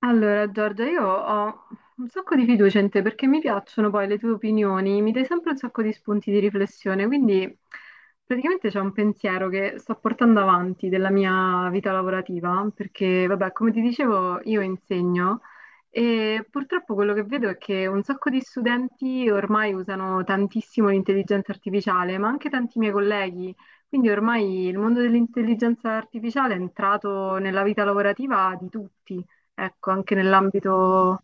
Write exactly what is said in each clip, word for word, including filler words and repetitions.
Allora, Giorgia, io ho un sacco di fiducia in te perché mi piacciono poi le tue opinioni, mi dai sempre un sacco di spunti di riflessione, quindi praticamente c'è un pensiero che sto portando avanti della mia vita lavorativa, perché vabbè, come ti dicevo, io insegno e purtroppo quello che vedo è che un sacco di studenti ormai usano tantissimo l'intelligenza artificiale, ma anche tanti miei colleghi, quindi ormai il mondo dell'intelligenza artificiale è entrato nella vita lavorativa di tutti ecco, anche nell'ambito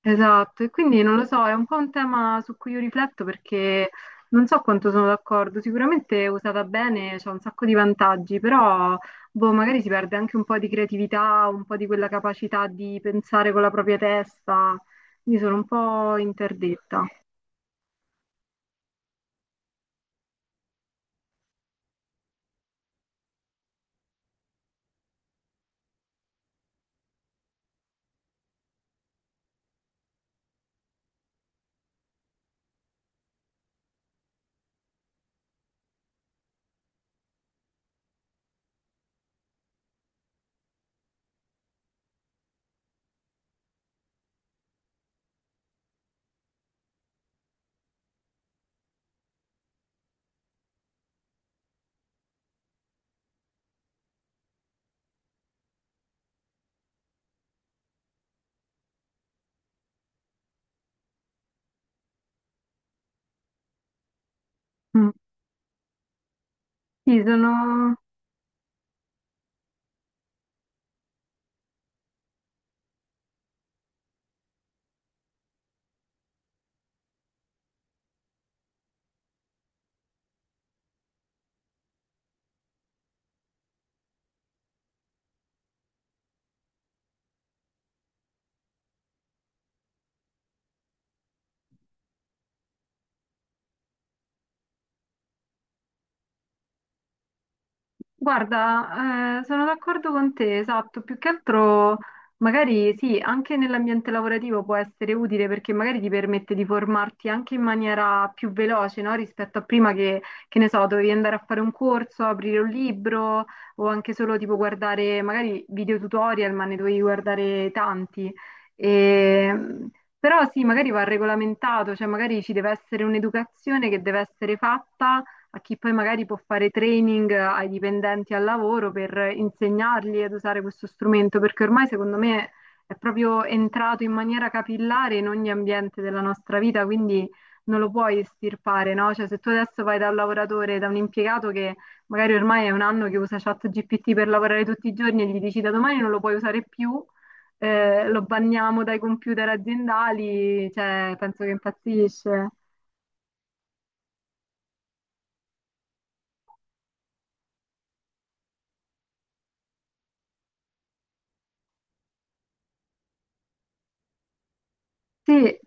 esatto. E quindi non lo so, è un po' un tema su cui io rifletto perché non so quanto sono d'accordo. Sicuramente usata bene c'è un sacco di vantaggi, però boh, magari si perde anche un po' di creatività, un po' di quella capacità di pensare con la propria testa. Quindi sono un po' interdetta. Mm. Sì, sono guarda, eh, sono d'accordo con te, esatto, più che altro magari sì, anche nell'ambiente lavorativo può essere utile perché magari ti permette di formarti anche in maniera più veloce, no? Rispetto a prima che, che ne so, dovevi andare a fare un corso, aprire un libro o anche solo tipo guardare magari video tutorial, ma ne dovevi guardare tanti. E, però sì, magari va regolamentato, cioè magari ci deve essere un'educazione che deve essere fatta a chi poi magari può fare training ai dipendenti al lavoro per insegnargli ad usare questo strumento, perché ormai secondo me è proprio entrato in maniera capillare in ogni ambiente della nostra vita, quindi non lo puoi estirpare, no? Cioè, se tu adesso vai da un lavoratore, da un impiegato che magari ormai è un anno che usa ChatGPT per lavorare tutti i giorni e gli dici da domani non lo puoi usare più, eh, lo banniamo dai computer aziendali, cioè, penso che impazzisce. Sì.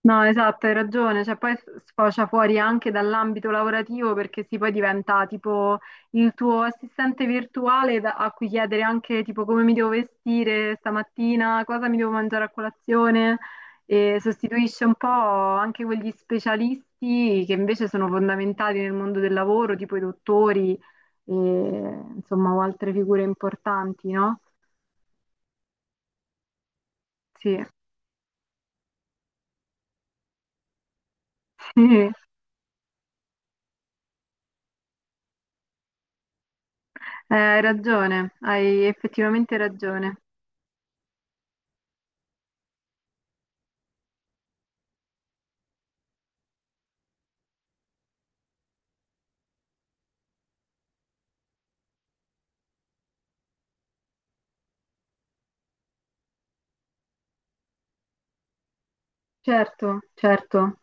No, esatto, hai ragione, cioè poi sfocia fuori anche dall'ambito lavorativo perché sì, poi diventa tipo il tuo assistente virtuale da- a cui chiedere anche tipo come mi devo vestire stamattina, cosa mi devo mangiare a colazione e sostituisce un po' anche quegli specialisti che invece sono fondamentali nel mondo del lavoro, tipo i dottori e insomma o altre figure importanti, no? Sì, sì, eh, hai ragione, hai effettivamente ragione. Certo, certo.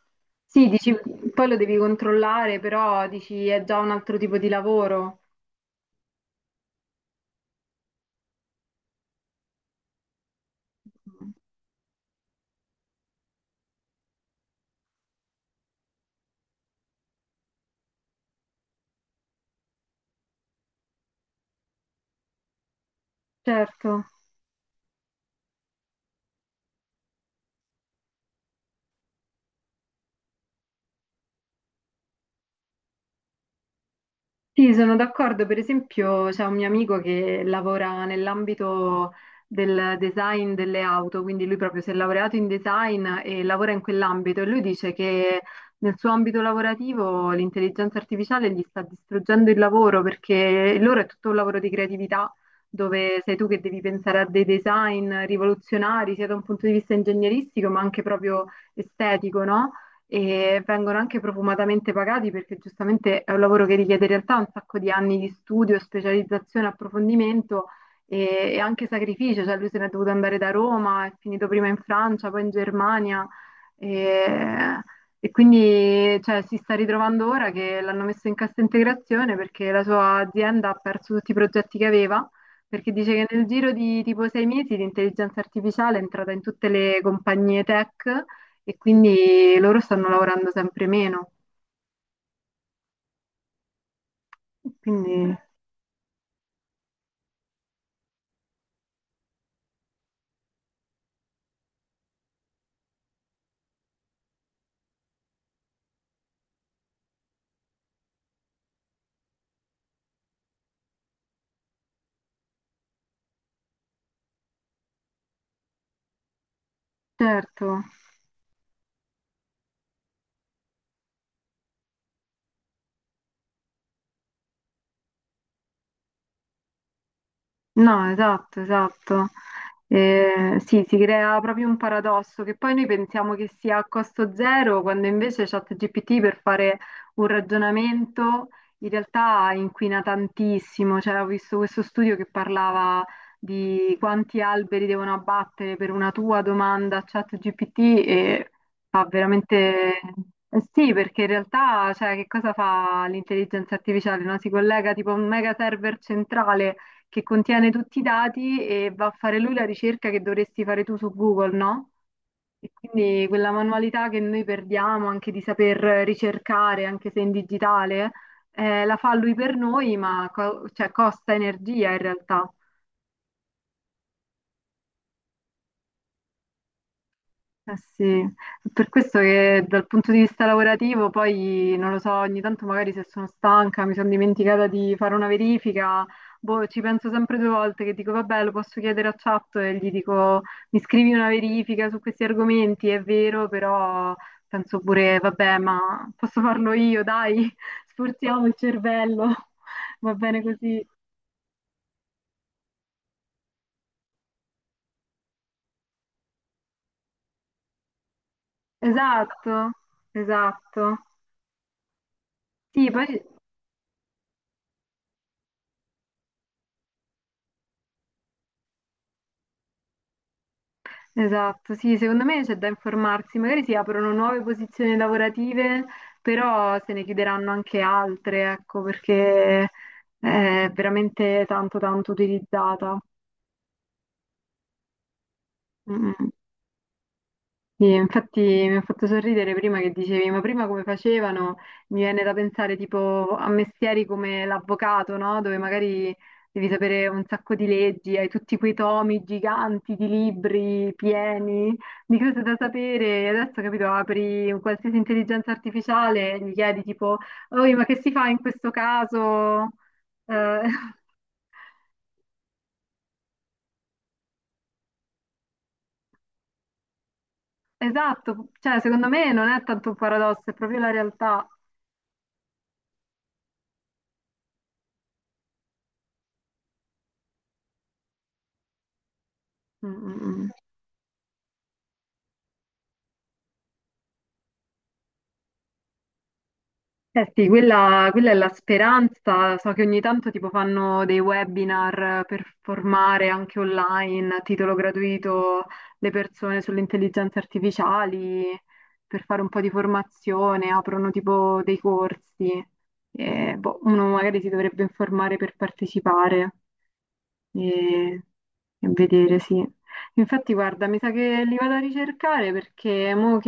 Sì, dici, poi lo devi controllare, però dici è già un altro tipo di lavoro. Certo. Sì, sono d'accordo. Per esempio, c'è un mio amico che lavora nell'ambito del design delle auto, quindi lui proprio si è laureato in design e lavora in quell'ambito e lui dice che nel suo ambito lavorativo l'intelligenza artificiale gli sta distruggendo il lavoro perché il loro è tutto un lavoro di creatività dove sei tu che devi pensare a dei design rivoluzionari sia da un punto di vista ingegneristico ma anche proprio estetico, no? E vengono anche profumatamente pagati perché giustamente è un lavoro che richiede in realtà un sacco di anni di studio, specializzazione, approfondimento e, e anche sacrificio, cioè lui se n'è dovuto andare da Roma, è finito prima in Francia, poi in Germania e, e quindi cioè, si sta ritrovando ora che l'hanno messo in cassa integrazione perché la sua azienda ha perso tutti i progetti che aveva. Perché dice che nel giro di tipo sei mesi l'intelligenza artificiale è entrata in tutte le compagnie tech e quindi loro stanno lavorando sempre meno. Quindi, certo. No, esatto, esatto. Eh, sì, si crea proprio un paradosso che poi noi pensiamo che sia a costo zero, quando invece ChatGPT per fare un ragionamento in realtà inquina tantissimo. Cioè, ho visto questo studio che parlava di quanti alberi devono abbattere per una tua domanda a ChatGPT e fa veramente... Eh sì, perché in realtà, cioè, che cosa fa l'intelligenza artificiale, no? Si collega tipo a un mega server centrale che contiene tutti i dati e va a fare lui la ricerca che dovresti fare tu su Google, no? E quindi quella manualità che noi perdiamo anche di saper ricercare, anche se in digitale, eh, la fa lui per noi, ma co- cioè, costa energia in realtà. Eh sì, per questo che dal punto di vista lavorativo poi non lo so, ogni tanto magari se sono stanca, mi sono dimenticata di fare una verifica, boh, ci penso sempre due volte che dico vabbè, lo posso chiedere a chat e gli dico mi scrivi una verifica su questi argomenti, è vero, però penso pure vabbè, ma posso farlo io, dai, sforziamo il cervello, va bene così. Esatto, esatto. Sì, poi... Esatto, sì, secondo me c'è da informarsi, magari si aprono nuove posizioni lavorative, però se ne chiuderanno anche altre, ecco, perché è veramente tanto tanto utilizzata. Mm. Mm. Sì, infatti mi ha fatto sorridere prima che dicevi, ma prima come facevano? Mi viene da pensare tipo a mestieri come l'avvocato, no? Dove magari devi sapere un sacco di leggi, hai tutti quei tomi giganti di libri pieni di cose da sapere. E adesso, capito, apri un qualsiasi intelligenza artificiale e gli chiedi tipo, oi, ma che si fa in questo caso? Eh, esatto, cioè secondo me non è tanto un paradosso, è proprio la realtà. Mm, mm, mm. Eh sì, quella, quella è la speranza. So che ogni tanto tipo fanno dei webinar per formare anche online a titolo gratuito le persone sulle intelligenze artificiali, per fare un po' di formazione, aprono tipo dei corsi. E, boh, uno magari si dovrebbe informare per partecipare e, e vedere, sì. Infatti, guarda, mi sa che li vado a ricercare perché mo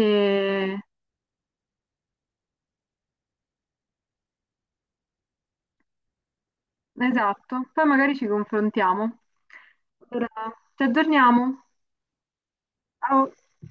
Esatto, poi magari ci confrontiamo. Allora, ci aggiorniamo. Ciao.